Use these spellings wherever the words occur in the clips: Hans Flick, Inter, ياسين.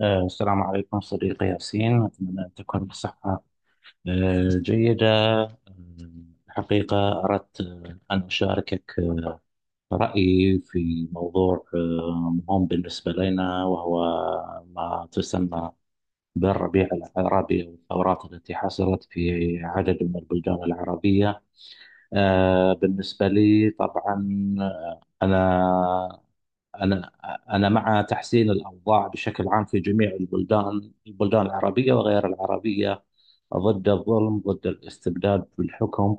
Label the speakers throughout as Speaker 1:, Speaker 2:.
Speaker 1: السلام عليكم صديقي ياسين، أتمنى أن تكون بصحة جيدة. الحقيقة أردت أن أشاركك رأيي في موضوع مهم بالنسبة لنا، وهو ما تسمى بالربيع العربي والثورات التي حصلت في عدد من البلدان العربية. بالنسبة لي طبعا، أنا أنا مع تحسين الأوضاع بشكل عام في جميع البلدان العربية وغير العربية، ضد الظلم، ضد الاستبداد بالحكم.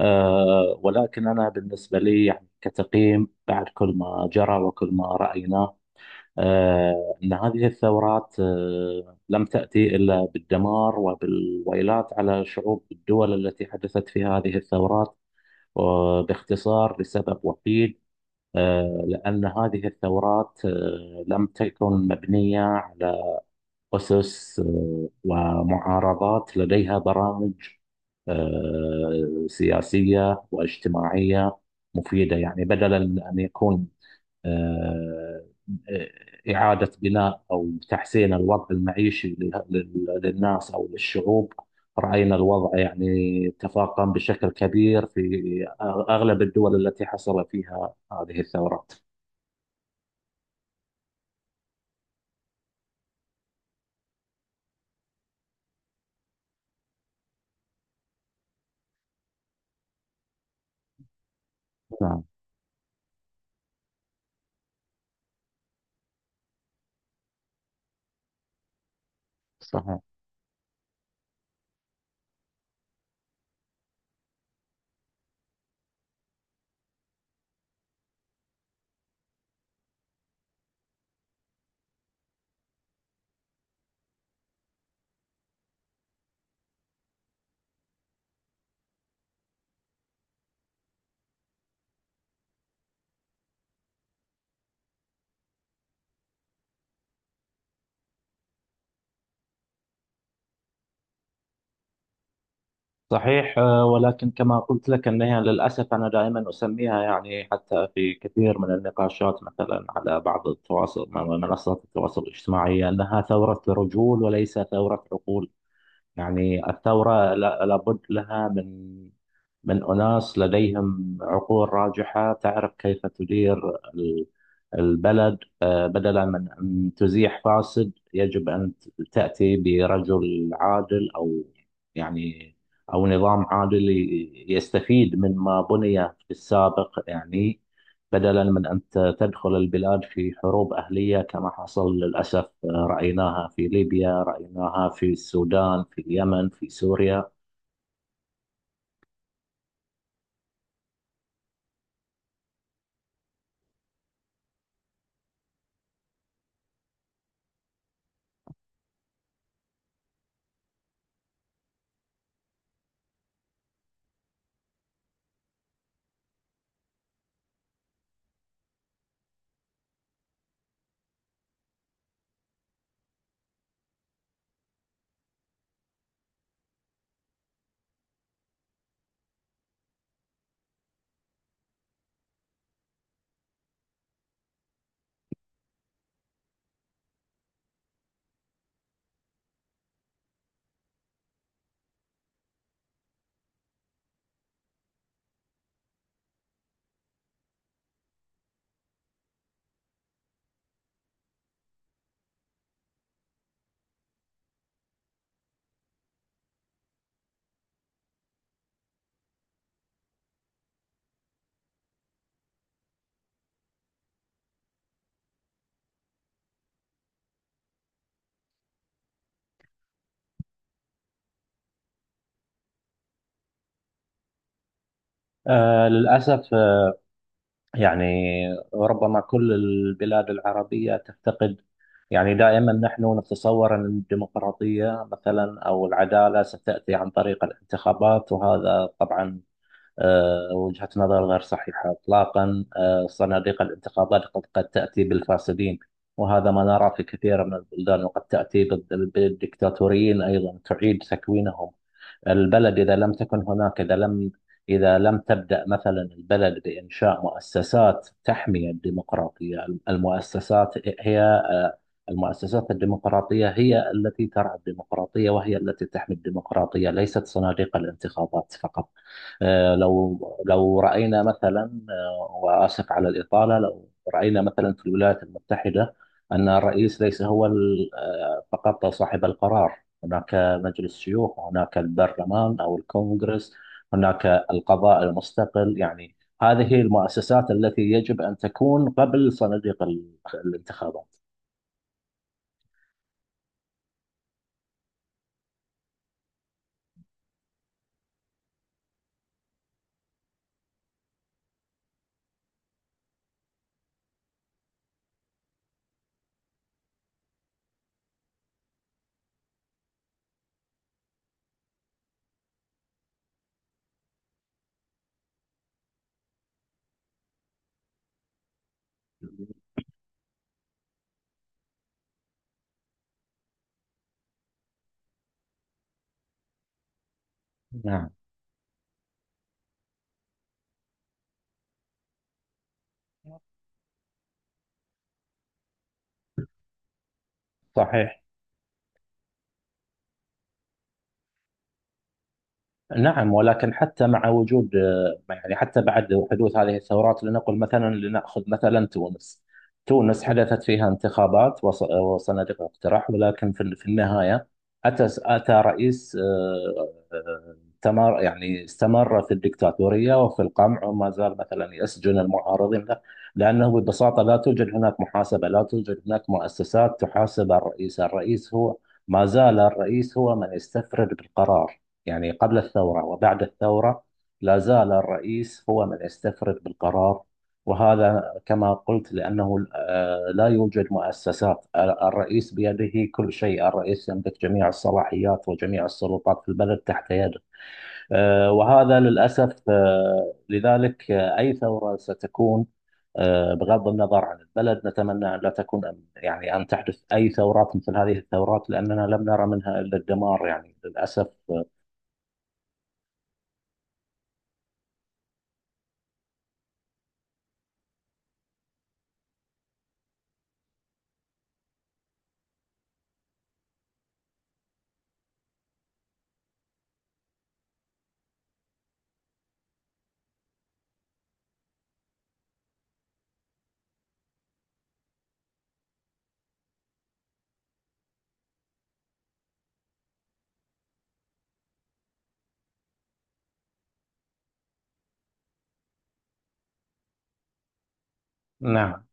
Speaker 1: ولكن أنا بالنسبة لي يعني كتقييم بعد كل ما جرى وكل ما رأيناه أن هذه الثورات لم تأتي إلا بالدمار وبالويلات على شعوب الدول التي حدثت في هذه الثورات، وباختصار لسبب وحيد، لأن هذه الثورات لم تكن مبنية على أسس ومعارضات لديها برامج سياسية واجتماعية مفيدة. يعني بدلا من أن يكون آه، إعادة بناء أو تحسين الوضع المعيشي للناس أو للشعوب، رأينا الوضع يعني تفاقم بشكل كبير في أغلب الدول التي حصل فيها هذه الثورات. نعم. صحيح. صحيح، ولكن كما قلت لك أنها للأسف أنا دائما أسميها، يعني حتى في كثير من النقاشات مثلا على بعض التواصل، منصات التواصل الاجتماعي، أنها ثورة رجول وليس ثورة عقول. يعني الثورة لابد لها من من أناس لديهم عقول راجحة تعرف كيف تدير ال- البلد. بدلا من أن تزيح فاسد يجب أن تأتي برجل عادل، أو يعني أو نظام عادل يستفيد مما بني في السابق. يعني بدلا من أن تدخل البلاد في حروب أهلية كما حصل للأسف، رأيناها في ليبيا، رأيناها في السودان، في اليمن، في سوريا. للأسف، يعني ربما كل البلاد العربية تفتقد، يعني دائما نحن نتصور أن الديمقراطية مثلا أو العدالة ستأتي عن طريق الانتخابات، وهذا طبعا وجهة نظر غير صحيحة إطلاقا. صناديق الانتقادات قد تأتي بالفاسدين، وهذا ما نرى في كثير من البلدان، وقد تأتي بالدكتاتوريين أيضا، تعيد تكوينهم البلد. إذا لم تكن هناك إذا لم إذا لم تبدأ مثلا البلد بإنشاء مؤسسات تحمي الديمقراطية. المؤسسات هي المؤسسات الديمقراطية هي التي ترعى الديمقراطية وهي التي تحمي الديمقراطية، ليست صناديق الانتخابات فقط. آه، لو لو رأينا مثلا، وآسف على الإطالة، لو رأينا مثلا في الولايات المتحدة أن الرئيس ليس هو فقط صاحب القرار. هناك مجلس شيوخ، وهناك البرلمان أو الكونغرس، هناك القضاء المستقل. يعني هذه المؤسسات التي يجب أن تكون قبل صناديق الانتخابات. نعم. صحيح. نعم ولكن حتى مع وجود يعني حتى بعد حدوث هذه الثورات، لنقل مثلا، لنأخذ مثلا تونس. تونس حدثت فيها انتخابات وصناديق اقتراع، ولكن في النهاية أتى رئيس آه، آه، تمر يعني استمر في الدكتاتورية وفي القمع، وما زال مثلا يسجن المعارضين له، لأنه ببساطة لا توجد هناك محاسبة، لا توجد هناك مؤسسات تحاسب الرئيس. ما زال الرئيس هو من يستفرد بالقرار، يعني قبل الثورة وبعد الثورة لا زال الرئيس هو من استفرد بالقرار. وهذا كما قلت لأنه لا يوجد مؤسسات. الرئيس بيده كل شيء، الرئيس يملك جميع الصلاحيات وجميع السلطات في البلد تحت يده. وهذا للأسف. لذلك أي ثورة ستكون بغض النظر عن البلد، نتمنى أن لا يعني أن تحدث أي ثورات مثل هذه الثورات، لأننا لم نرى منها إلا الدمار يعني للأسف. نعم.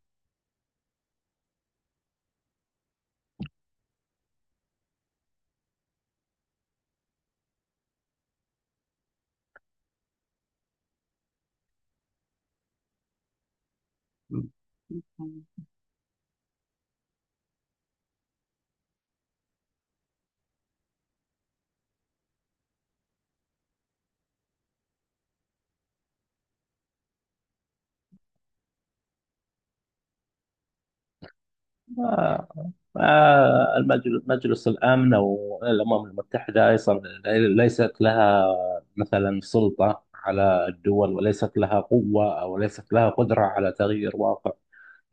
Speaker 1: ما ما المجل- مجلس الأمن أو الأمم المتحدة أيضا ليست لها مثلا سلطة على الدول، وليست لها قوة أو ليست لها قدرة على تغيير واقع.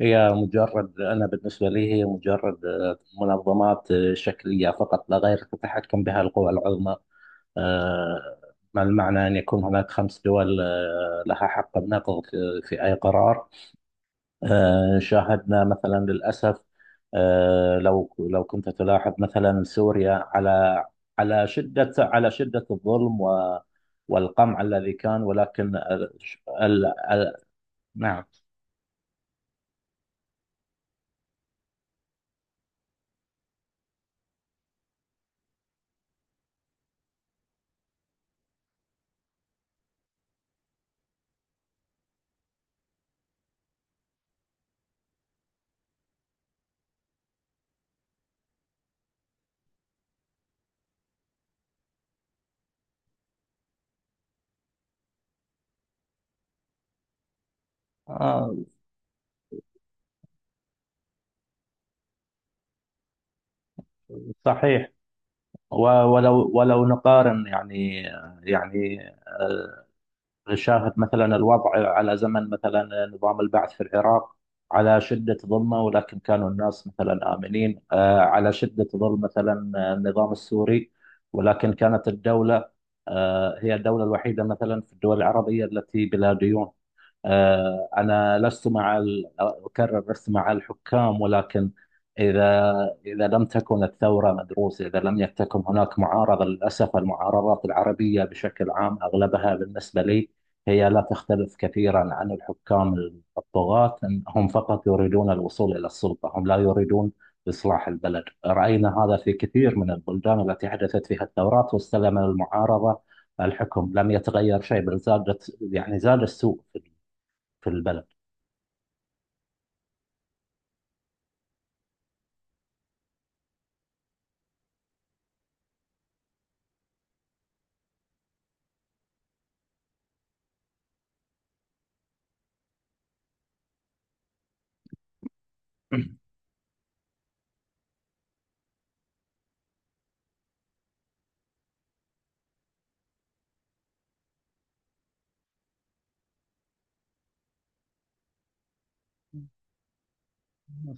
Speaker 1: هي مجرد أنا بالنسبة لي هي مجرد منظمات شكلية فقط لا غير، تتحكم بها القوى العظمى. آه، ما المعنى أن يكون هناك خمس دول لها حق النقض في في أي قرار؟ شاهدنا مثلا للأسف، لو كنت تلاحظ مثلا سوريا، على شدة الظلم والقمع الذي كان، ولكن ال ال ال نعم آه، صحيح. و- ولو نقارن، يعني يعني آه، شاهد مثلا الوضع على زمن مثلا نظام البعث في العراق، على شدة ظلمه، ولكن كانوا الناس مثلا آمنين. على شدة ظلم مثلا النظام السوري، ولكن كانت الدولة هي الدولة الوحيدة مثلا في الدول العربية التي بلا ديون. أنا لست مع أكرر لست مع الحكام، ولكن إذا إذا لم تكن الثورة مدروسة، إذا لم يكن هناك معارضة. للأسف المعارضات العربية بشكل عام أغلبها بالنسبة لي هي لا تختلف كثيرا عن الحكام الطغاة، إن هم فقط يريدون الوصول إلى السلطة، هم لا يريدون إصلاح البلد. رأينا هذا في كثير من البلدان التي حدثت فيها الثورات، واستلم المعارضة الحكم، لم يتغير شيء، بل زادت يعني زاد السوء في البلد.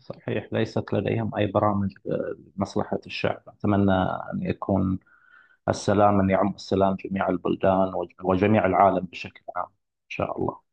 Speaker 1: صحيح، ليست لديهم أي برامج لمصلحة الشعب. أتمنى أن يكون السلام، أن يعم السلام جميع البلدان وجميع العالم بشكل عام، إن شاء الله.